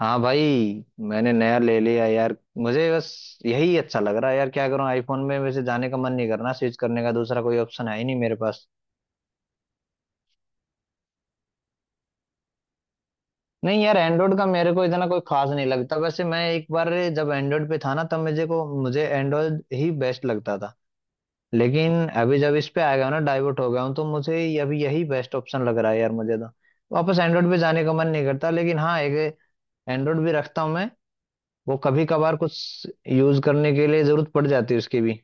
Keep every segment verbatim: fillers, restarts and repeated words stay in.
हाँ भाई। मैंने नया ले लिया यार, मुझे बस यही अच्छा लग रहा है यार। क्या करूं, आईफोन में वैसे जाने का मन नहीं करना, स्विच करने का दूसरा कोई ऑप्शन है ही नहीं मेरे पास। नहीं यार, एंड्रॉइड का मेरे को इतना कोई खास नहीं लगता। वैसे मैं एक बार जब एंड्रॉइड पे था ना, तब मुझे को मुझे एंड्रॉइड ही बेस्ट लगता था। लेकिन अभी जब इस पे आ गया हूं ना, डाइवर्ट हो गया हूँ, तो मुझे ये- अभी यही बेस्ट ऑप्शन लग रहा है यार मुझे तो। वापस एंड्रॉइड पे जाने का मन नहीं करता, लेकिन हाँ, एक एंड्रॉइड भी रखता हूँ मैं। वो कभी कभार कुछ यूज करने के लिए जरूरत पड़ जाती है उसकी भी।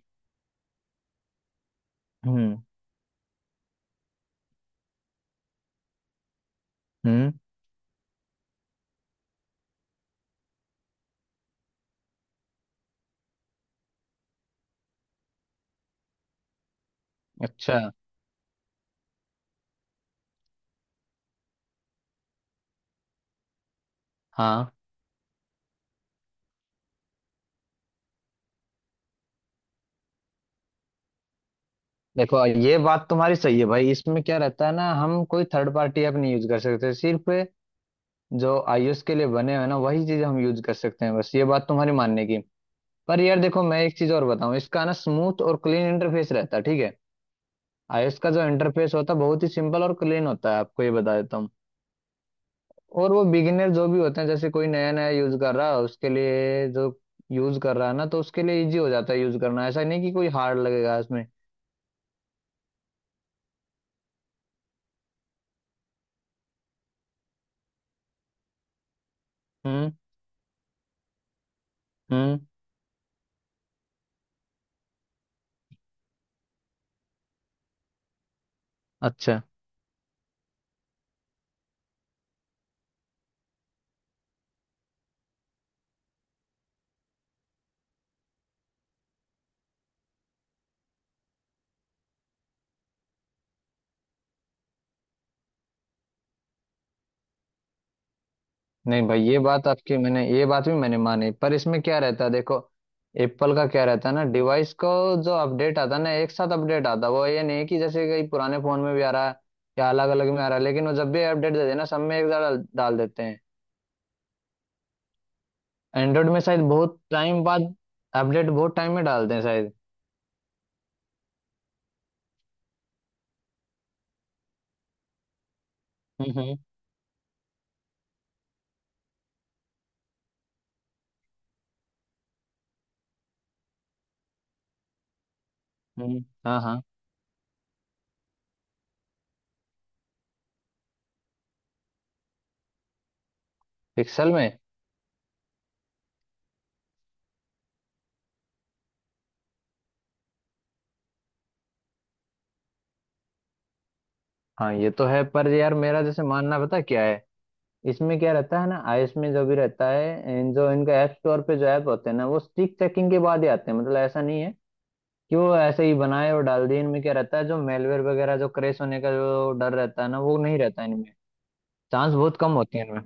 हम्म। हम्म। अच्छा। हाँ। देखो ये बात तुम्हारी सही है भाई, इसमें क्या रहता है ना, हम कोई थर्ड पार्टी ऐप नहीं यूज कर सकते। सिर्फ जो iOS के लिए बने हुए हैं ना, वही चीज हम यूज कर सकते हैं बस, ये बात तुम्हारी मानने की। पर यार देखो, मैं एक चीज और बताऊं, इसका ना स्मूथ और क्लीन इंटरफेस रहता है, ठीक है। iOS का जो इंटरफेस होता है बहुत ही सिंपल और क्लीन होता है, आपको ये बता देता हूँ। और वो बिगिनर जो भी होते हैं, जैसे कोई नया नया यूज कर रहा है उसके लिए, जो यूज कर रहा है ना, तो उसके लिए इजी हो जाता है यूज करना। ऐसा नहीं कि कोई हार्ड लगेगा इसमें। हम्म। हम्म। अच्छा। नहीं भाई, ये बात आपकी मैंने, ये बात भी मैंने मानी। पर इसमें क्या रहता है देखो, एप्पल का क्या रहता है ना, डिवाइस को जो अपडेट आता है ना, एक साथ अपडेट आता है। वो ये नहीं कि जैसे कई पुराने फोन में भी आ रहा है या अलग अलग में आ रहा है। लेकिन वो जब भी अपडेट देते हैं ना, सब में एक डाल डाल देते हैं। एंड्रॉइड में शायद बहुत टाइम बाद अपडेट बहुत टाइम में डालते हैं शायद। हम्म। हम्म। हम्म, हाँ हाँ। पिक्सल में। हाँ ये तो है, पर यार मेरा जैसे मानना पता क्या है, इसमें क्या रहता है ना, आईएएस में जो भी रहता है, इन जो इनका ऐप स्टोर पे जो ऐप होते हैं ना, वो स्टिक चेकिंग के बाद ही आते हैं। मतलब ऐसा नहीं है कि वो ऐसे ही बनाए और डाल दिए। इनमें क्या रहता है जो मेलवेयर वगैरह, जो क्रैश होने का जो डर रहता है ना, वो नहीं रहता इनमें, चांस बहुत कम होती है इनमें।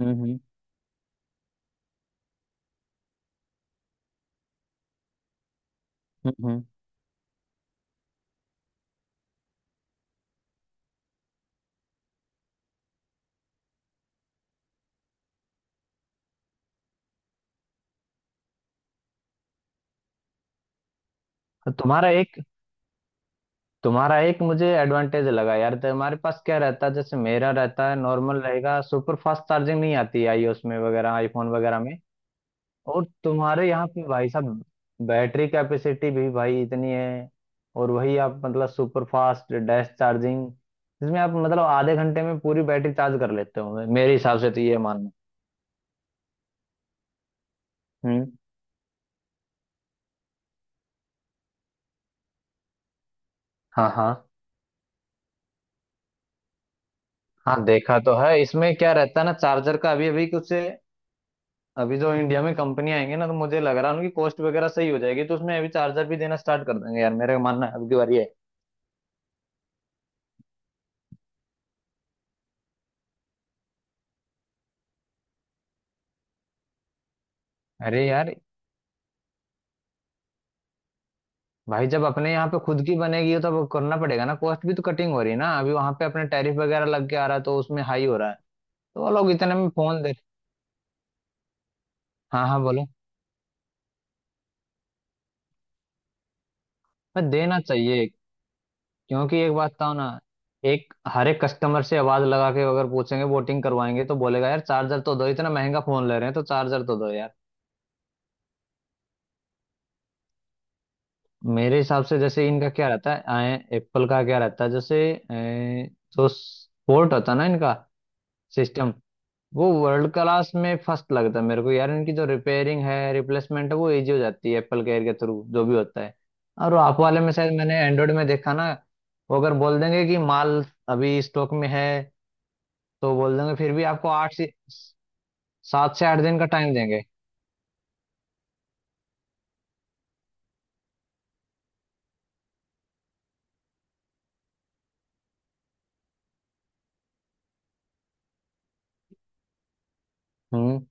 हम्म। हम्म। हम्म। हम्म। तुम्हारा एक तुम्हारा एक मुझे एडवांटेज लगा यार। तो हमारे पास क्या रहता है, जैसे मेरा रहता है नॉर्मल रहेगा, सुपर फास्ट चार्जिंग नहीं आती आईओएस में वगैरह, आईफोन वगैरह में। और तुम्हारे यहाँ पे भाई साहब, बैटरी कैपेसिटी भी भाई इतनी है। और वही आप मतलब सुपर फास्ट डैश चार्जिंग जिसमें आप मतलब आधे घंटे में पूरी बैटरी चार्ज कर लेते हो। मेरे हिसाब से तो ये मानना। हम्म। हाँ हाँ हाँ। देखा तो है। इसमें क्या रहता है ना चार्जर का, अभी अभी कुछ अभी जो इंडिया में कंपनी आएंगे ना, तो मुझे लग रहा है उनकी कॉस्ट वगैरह सही हो जाएगी, तो उसमें अभी चार्जर भी देना स्टार्ट कर देंगे यार। मेरा मानना है अब की बार ये है। अरे यार, भाई जब अपने यहाँ पे खुद की बनेगी तो अब करना पड़ेगा ना, कॉस्ट भी तो कटिंग हो रही है ना अभी, वहां पे अपने टैरिफ वगैरह लग के आ रहा है तो उसमें हाई हो रहा है। तो वो लोग इतने में फोन दे। हाँ हाँ, बोलो। पर देना चाहिए। क्योंकि एक बात बताओ ना, एक हर एक कस्टमर से आवाज लगा के अगर पूछेंगे, वोटिंग करवाएंगे, तो बोलेगा यार चार्जर तो दो, इतना महंगा फोन ले रहे हैं तो चार्जर तो दो यार। मेरे हिसाब से जैसे इनका क्या रहता है, आए एप्पल का क्या रहता है, जैसे अ, जो पोर्ट होता है ना इनका सिस्टम, वो वर्ल्ड क्लास में फर्स्ट लगता है मेरे को यार। इनकी जो रिपेयरिंग है, रिप्लेसमेंट है, वो इजी हो जाती है एप्पल केयर के थ्रू जो भी होता है। और वो आप वाले में शायद मैंने एंड्रॉयड में देखा ना, वो अगर बोल देंगे कि माल अभी स्टॉक में है तो बोल देंगे, फिर भी आपको आठ से सात से आठ दिन का टाइम देंगे। हम्म।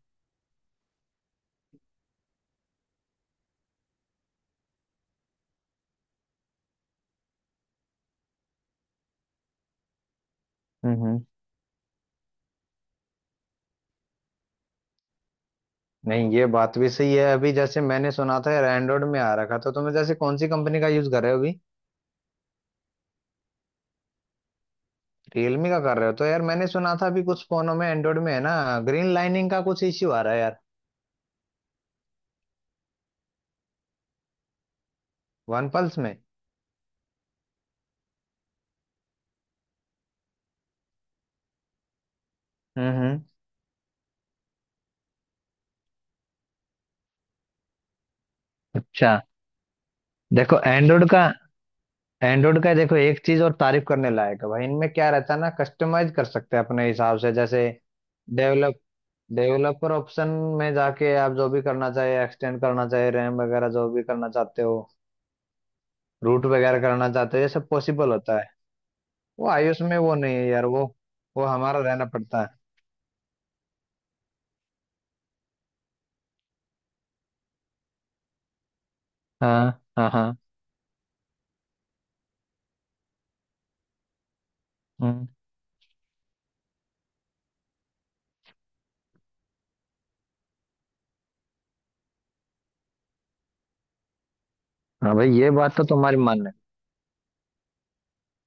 हम्म। हम्म। नहीं ये बात भी सही है। अभी जैसे मैंने सुना था यार एंड्रॉइड में आ रखा था, तुम्हें जैसे कौन सी कंपनी का यूज कर रहे हो अभी? रियलमी का कर रहे हो तो यार, मैंने सुना था अभी कुछ फोनों में एंड्रॉइड में है ना ग्रीन लाइनिंग का कुछ इश्यू आ रहा है यार। वन प्लस में। हम्म। हम्म। अच्छा। देखो एंड्रॉइड का एंड्रॉइड का देखो एक चीज और तारीफ करने लायक है भाई, इनमें क्या रहता है ना, कस्टमाइज कर सकते हैं अपने हिसाब से, जैसे डेवलप डेवलपर ऑप्शन में जाके आप जो भी करना चाहे, एक्सटेंड करना चाहे, रैम वगैरह जो भी करना चाहते हो, रूट वगैरह करना चाहते हो, ये सब पॉसिबल होता है। वो आयुष में वो नहीं है यार, वो वो हमारा रहना पड़ता है। हाँ हाँ हाँ। हम्म। हाँ भाई ये बात तो तुम्हारी मानने,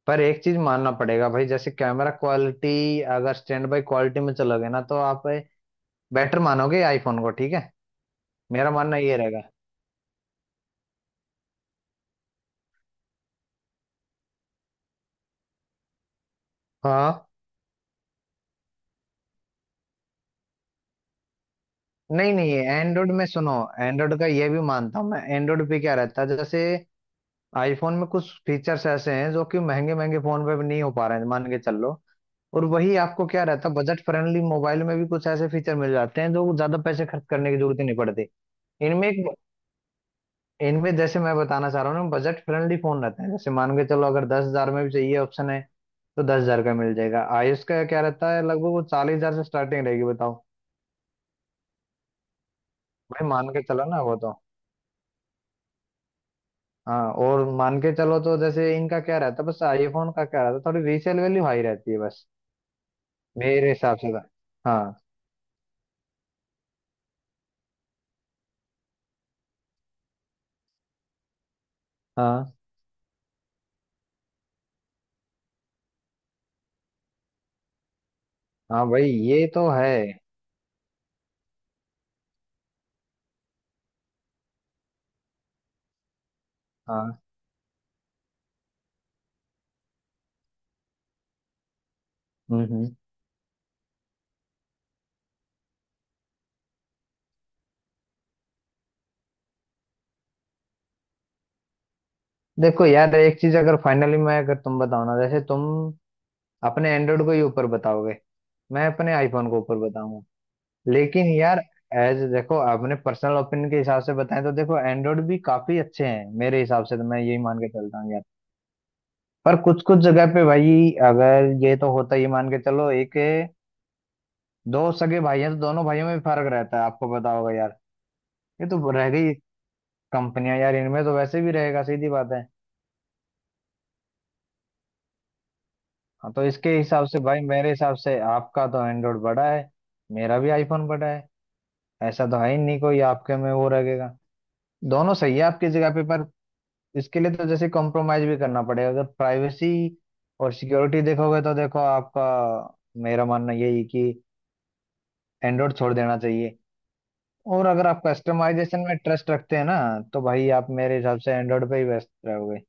पर एक चीज मानना पड़ेगा भाई, जैसे कैमरा क्वालिटी अगर स्टैंड बाय क्वालिटी में चलोगे ना, तो आप बेटर मानोगे आईफोन को, ठीक है। मेरा मानना ये रहेगा। हाँ। नहीं नहीं एंड्रॉइड में सुनो, एंड्रॉइड का ये भी मानता हूँ मैं। एंड्रॉइड पे क्या रहता है, जैसे आईफोन में कुछ फीचर्स ऐसे हैं जो कि महंगे महंगे फोन पे भी नहीं हो पा रहे हैं मान के चल लो। और वही आपको क्या रहता है, बजट फ्रेंडली मोबाइल में भी कुछ ऐसे फीचर मिल जाते हैं जो ज्यादा पैसे खर्च करने की जरूरत ही नहीं पड़ती। इनमें एक इनमें जैसे मैं बताना चाह रहा हूँ ना, बजट फ्रेंडली फोन रहते हैं। जैसे मान के चलो अगर दस हजार में भी चाहिए, ऑप्शन है, तो दस हजार का मिल जाएगा। आयुष का क्या रहता है लगभग, वो चालीस हजार से स्टार्टिंग रहेगी बताओ। भाई मान के चलो ना वो तो। हाँ और मान के चलो तो, जैसे इनका क्या रहता है बस, आईफोन का क्या रहता है, थोड़ी रीसेल वैल्यू हाई रहती है बस, मेरे हिसाब से तो। हाँ हाँ। हाँ भाई ये तो है। हाँ। हम्म। हम्म। देखो यार एक चीज, अगर फाइनली मैं अगर तुम बताओ ना, जैसे तुम अपने एंड्रॉइड को ही ऊपर बताओगे, मैं अपने आईफोन को ऊपर बताऊंगा। लेकिन यार एज देखो, आपने पर्सनल ओपिनियन के हिसाब से बताएं तो, देखो एंड्रॉइड भी काफी अच्छे हैं मेरे हिसाब से, तो मैं यही मान के चलता हूँ यार। पर कुछ कुछ जगह पे भाई अगर ये तो होता ही, मान के चलो एक दो सगे भाई हैं तो दोनों भाइयों में भी फर्क रहता है, आपको पता होगा यार। ये तो रह गई कंपनियां यार, इनमें तो वैसे भी रहेगा, सीधी बात है। हाँ तो इसके हिसाब से भाई, मेरे हिसाब से आपका तो एंड्रॉइड बड़ा है, मेरा भी आईफोन बड़ा है, ऐसा तो है ही नहीं। कोई आपके में वो रहेगा, दोनों सही है आपकी जगह पे। पर इसके लिए तो जैसे कॉम्प्रोमाइज भी करना पड़ेगा, अगर प्राइवेसी और सिक्योरिटी देखोगे तो देखो आपका, मेरा मानना यही है कि एंड्रॉइड छोड़ देना चाहिए। और अगर आप कस्टमाइजेशन में ट्रस्ट रखते हैं ना, तो भाई आप मेरे हिसाब से एंड्रॉइड पे ही व्यस्त रहोगे।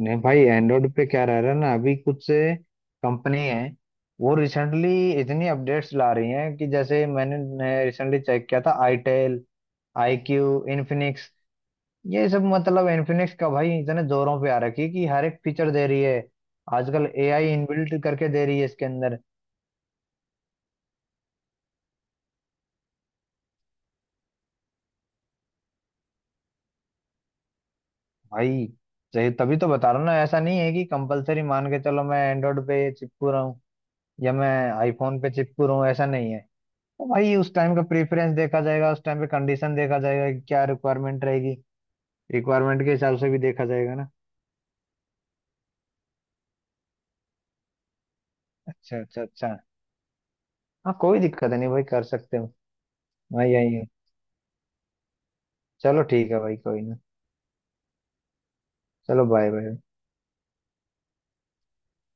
नहीं भाई, एंड्रॉइड पे क्या रह रहा है ना अभी, कुछ से कंपनी है वो रिसेंटली इतनी अपडेट्स ला रही हैं, कि जैसे मैंने रिसेंटली चेक किया था आईटेल, आई क्यू, इन्फिनिक्स, ये सब। मतलब इन्फिनिक्स का भाई इतने जोरों पे आ रखी है कि हर एक फीचर दे रही है, आजकल एआई इनबिल्ट करके दे रही है इसके अंदर। भाई सही तभी तो बता रहा हूँ ना, ऐसा नहीं है कि कंपलसरी मान के चलो मैं एंड्रॉइड पे चिपकू रहा हूँ या मैं आईफोन पे चिपकू रहा हूँ, ऐसा नहीं है। तो भाई उस टाइम का प्रेफरेंस देखा जाएगा, उस टाइम पे कंडीशन देखा जाएगा कि क्या रिक्वायरमेंट रहेगी, रिक्वायरमेंट के हिसाब से भी देखा जाएगा ना। अच्छा अच्छा अच्छा। हाँ कोई दिक्कत नहीं भाई, कर सकते हो। मैं यही हूँ। चलो ठीक है भाई, कोई ना। चलो बाय बाय।